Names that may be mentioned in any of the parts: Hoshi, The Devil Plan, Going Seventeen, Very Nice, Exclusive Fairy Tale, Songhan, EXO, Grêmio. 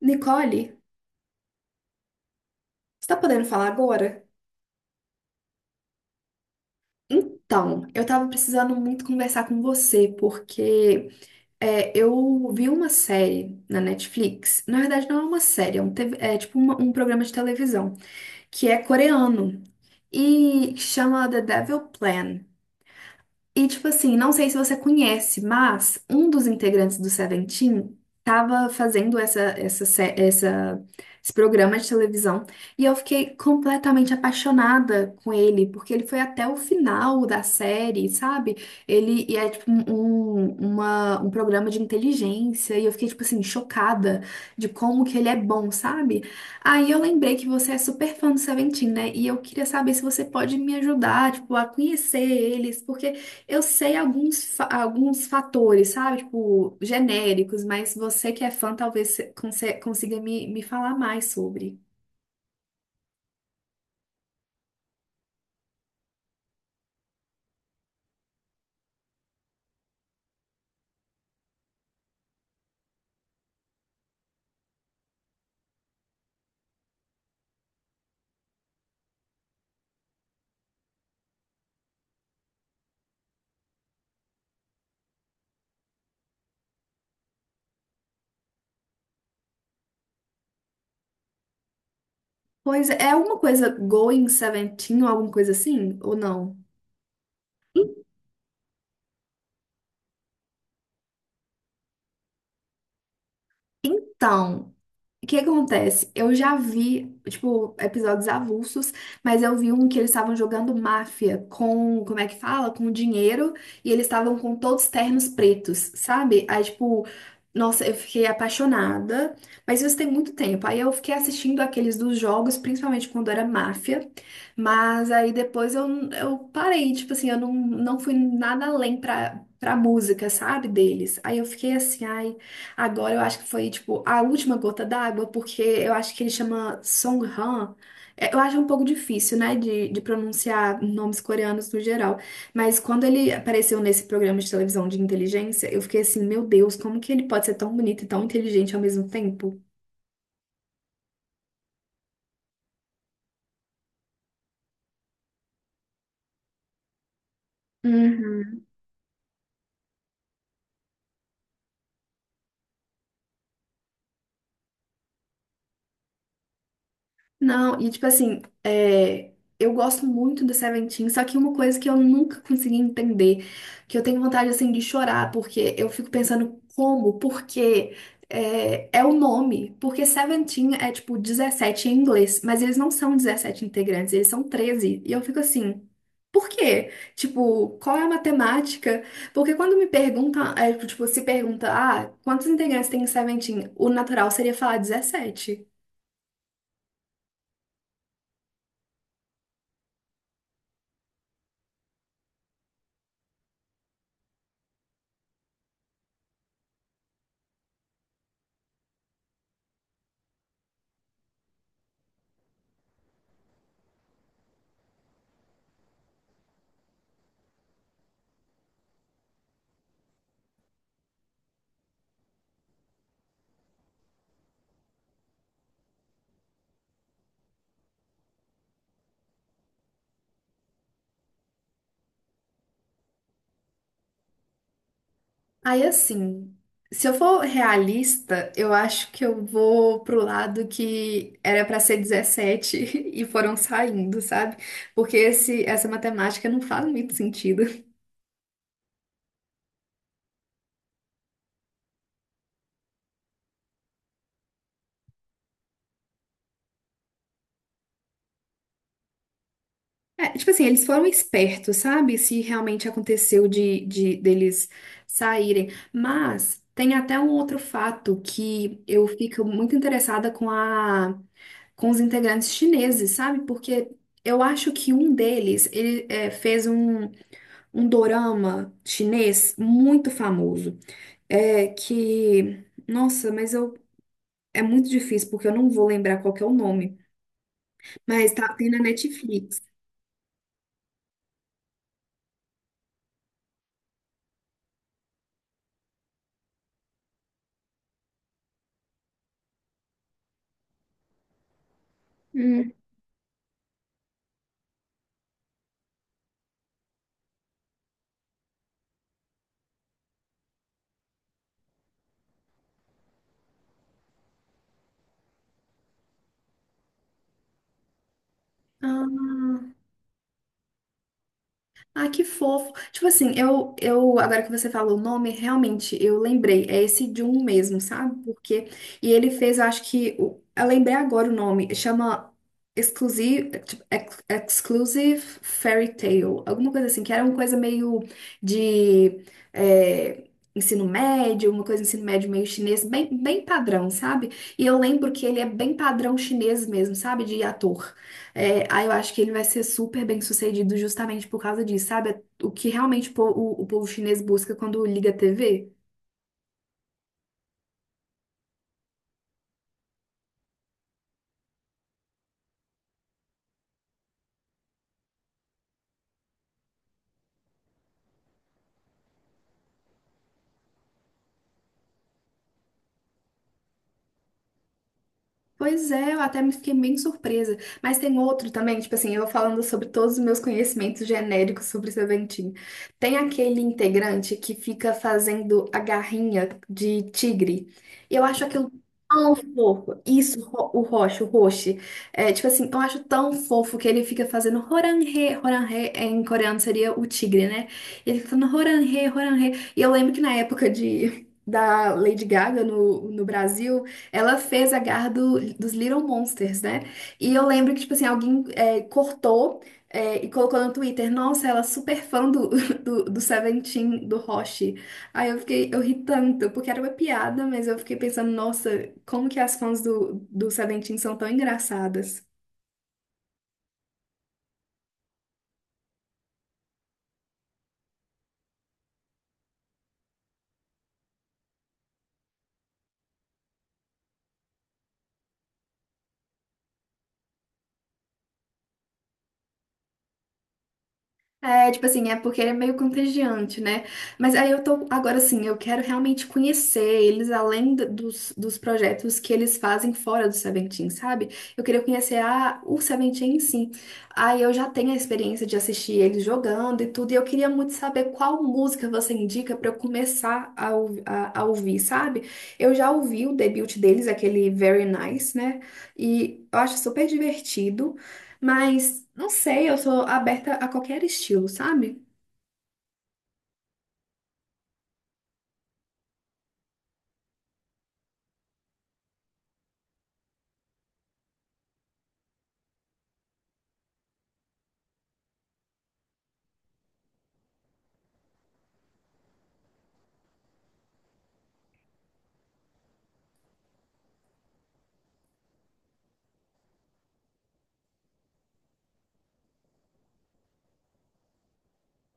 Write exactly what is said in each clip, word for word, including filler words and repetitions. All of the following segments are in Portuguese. Nicole, você tá podendo falar agora? Então, eu tava precisando muito conversar com você, porque é, eu vi uma série na Netflix. Na verdade, não é uma série, é, um T V é tipo uma- um programa de televisão, que é coreano e chama The Devil Plan. E, tipo assim, não sei se você conhece, mas um dos integrantes do Seventeen tava fazendo essa, essa, sé- essa- esse programa de televisão e eu fiquei completamente apaixonada com ele, porque ele foi até o final da série, sabe? Ele e é tipo um, um, uma- um programa de inteligência e eu fiquei, tipo assim, chocada de como que ele é bom, sabe? Aí eu lembrei que você é super fã do Seventeen, né? E eu queria saber se você pode me ajudar, tipo, a conhecer eles, porque eu sei alguns, fa- alguns fatores, sabe? Tipo, genéricos, mas você que é fã talvez se- conse- consiga me, me falar mais sobre. Pois é, é alguma coisa Going Seventeen ou alguma coisa assim? Ou não? Então. O que acontece? Eu já vi, tipo, episódios avulsos, mas eu vi um que eles estavam jogando máfia com, como é que fala? Com dinheiro, e eles estavam com todos ternos pretos, sabe? Aí, tipo, nossa, eu fiquei apaixonada, mas isso tem muito tempo. Aí eu fiquei assistindo aqueles dos jogos, principalmente quando era máfia, mas aí depois eu, eu parei, tipo assim, eu não, não fui nada além pra, pra música, sabe? Deles. Aí eu fiquei assim, ai. Agora eu acho que foi, tipo, a última gota d'água, porque eu acho que ele chama Songhan. É, eu acho um pouco difícil, né, de, de pronunciar nomes coreanos no geral. Mas quando ele apareceu nesse programa de televisão de inteligência, eu fiquei assim, meu Deus, como que ele pode ser tão bonito e tão inteligente ao mesmo tempo? Uhum. Não, e tipo assim, é, eu gosto muito do Seventeen, só que uma coisa que eu nunca consegui entender, que eu tenho vontade assim de chorar, porque eu fico pensando como, porque é, é o nome, porque Seventeen é tipo dezessete em inglês, mas eles não são dezessete integrantes, eles são treze. E eu fico assim. Por quê? Tipo, qual é a matemática? Porque quando me perguntam, é, tipo, se pergunta, ah, quantos integrantes tem em Seventeen? O natural seria falar dezessete. Aí assim, se eu for realista, eu acho que eu vou pro lado que era pra ser dezessete e foram saindo, sabe? Porque esse, essa matemática não faz muito sentido. É, tipo assim, eles foram espertos, sabe? Se realmente aconteceu de, de deles saírem. Mas tem até um outro fato que eu fico muito interessada com a, com os integrantes chineses, sabe? Porque eu acho que um deles ele, é, fez um um dorama chinês muito famoso. É que, nossa, mas eu é muito difícil porque eu não vou lembrar qual que é o nome, mas tá tem na Netflix. Hum. Ah, ah, que fofo. Tipo assim, eu, eu, agora que você falou o nome, realmente eu lembrei. É esse Jun mesmo, sabe? Porque. E ele fez, eu acho que. o- Eu lembrei agora o nome. Chama Exclusive, tipo, Ex- Exclusive Fairy Tale. Alguma coisa assim, que era uma coisa meio de. É, ensino médio, uma coisa de ensino médio meio chinês, bem, bem padrão, sabe? E eu lembro que ele é bem padrão chinês mesmo, sabe? De ator. É, aí eu acho que ele vai ser super bem sucedido justamente por causa disso, sabe? O que realmente o, po- o- o povo chinês busca quando liga a T V. Pois é, eu até me fiquei bem surpresa. Mas tem outro também, tipo assim, eu falando sobre todos os meus conhecimentos genéricos sobre Seventeen. Tem aquele integrante que fica fazendo a garrinha de tigre. E eu acho aquilo tão fofo. Isso, ro- o Roche, o Roche. É, tipo assim, eu acho tão fofo que ele fica fazendo Horanhe, Horanhe, é, em coreano seria o tigre, né? Ele fica falando Horanhe, Horanhe. E eu lembro que na época de. Da Lady Gaga no, no Brasil, ela fez a garra do- dos Little Monsters, né? E eu lembro que, tipo assim, alguém, é, cortou, é, e colocou no Twitter, nossa, ela é super fã do, do, do Seventeen, do Hoshi. Aí eu fiquei, eu ri tanto, porque era uma piada, mas eu fiquei pensando, nossa, como que as fãs do, do Seventeen são tão engraçadas. É, tipo assim, é porque ele é meio contagiante, né? Mas aí eu tô, agora assim, eu quero realmente conhecer eles além do- dos, dos projetos que eles fazem fora do Seventeen, sabe? Eu queria conhecer a, o Seventeen em si. Aí eu já tenho a experiência de assistir eles jogando e tudo, e eu queria muito saber qual música você indica pra eu começar a, ouvi- a, a ouvir, sabe? Eu já ouvi o debut deles, aquele Very Nice, né? E eu acho super divertido. Mas, não sei, eu sou aberta a qualquer estilo, sabe?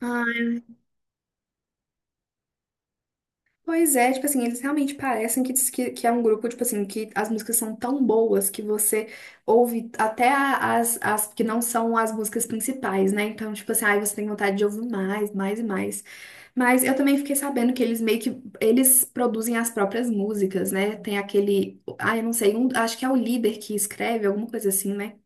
Ah, pois é, tipo assim, eles realmente parecem que, diz que, que é um grupo, tipo assim, que as músicas são tão boas que você ouve até a- as, as que não são as músicas principais, né? Então, tipo assim, aí você tem vontade de ouvir mais, mais e mais. Mas eu também fiquei sabendo que eles meio que, eles produzem as próprias músicas, né? Tem aquele, ah, eu não sei, um- acho que é o líder que escreve, alguma coisa assim, né?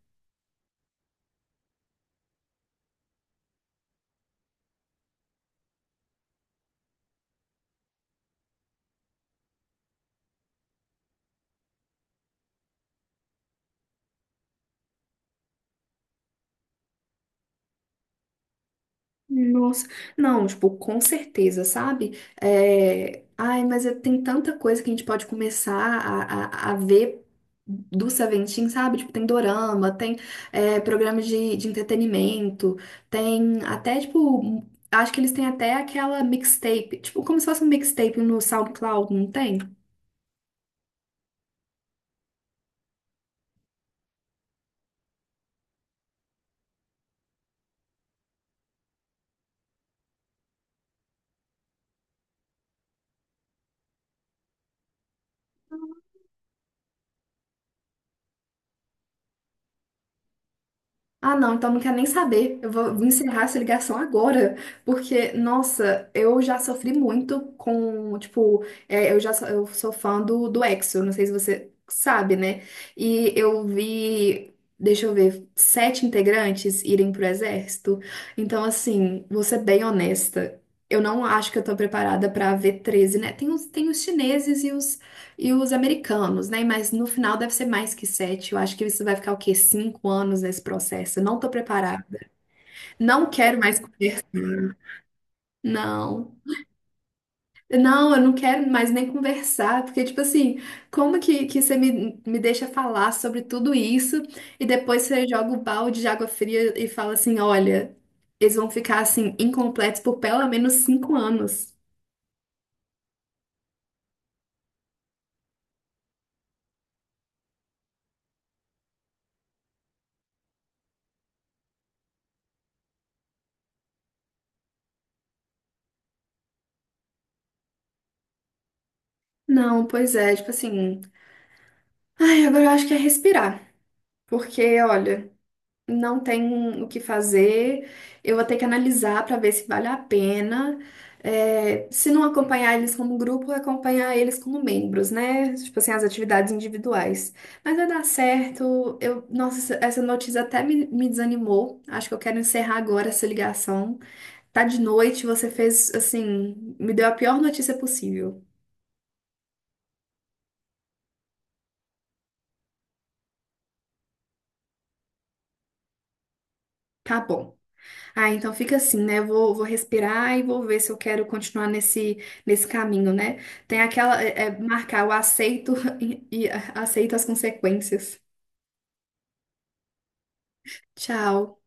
Nossa, não, tipo, com certeza, sabe? É, ai, mas é- tem tanta coisa que a gente pode começar a, a, a ver do Seventeen, sabe? Tipo, tem dorama, tem, é, programas de, de entretenimento, tem até, tipo, acho que eles têm até aquela mixtape, tipo, como se fosse um mixtape no SoundCloud, não tem? Ah, não, então não quero nem saber. Eu vou encerrar essa ligação agora, porque, nossa, eu já sofri muito com, tipo, é, eu já sou, eu sou fã do, do EXO, não sei se você sabe, né? E eu vi, deixa eu ver, sete integrantes irem pro exército. Então, assim, vou ser bem honesta. Eu não acho que eu tô preparada pra ver treze, né? Tem os, tem os chineses e os e os americanos, né? Mas no final deve ser mais que sete. Eu acho que isso vai ficar o quê? Cinco anos nesse processo. Eu não tô preparada. Não quero mais. Não. Não, eu não quero mais nem conversar, porque, tipo assim, como que, que você me, me deixa falar sobre tudo isso e depois você joga o balde de água fria e fala assim: olha, eles vão ficar assim, incompletos por pelo menos cinco anos. Não, pois é, tipo assim. Ai, agora eu acho que é respirar, porque, olha. Não tem o que fazer, eu vou ter que analisar para ver se vale a pena. É, se não acompanhar eles como grupo, acompanhar eles como membros, né? Tipo assim, as atividades individuais. Mas vai dar certo. Eu, nossa, essa essa notícia até me, me desanimou. Acho que eu quero encerrar agora essa ligação. Tá de noite, você fez assim, me deu a pior notícia possível. Tá bom. Ah, então fica assim, né? Eu vou, vou respirar e vou ver se eu quero continuar nesse, nesse caminho, né? Tem aquela, é, é, marcar o aceito e, e é, aceito as consequências. Tchau.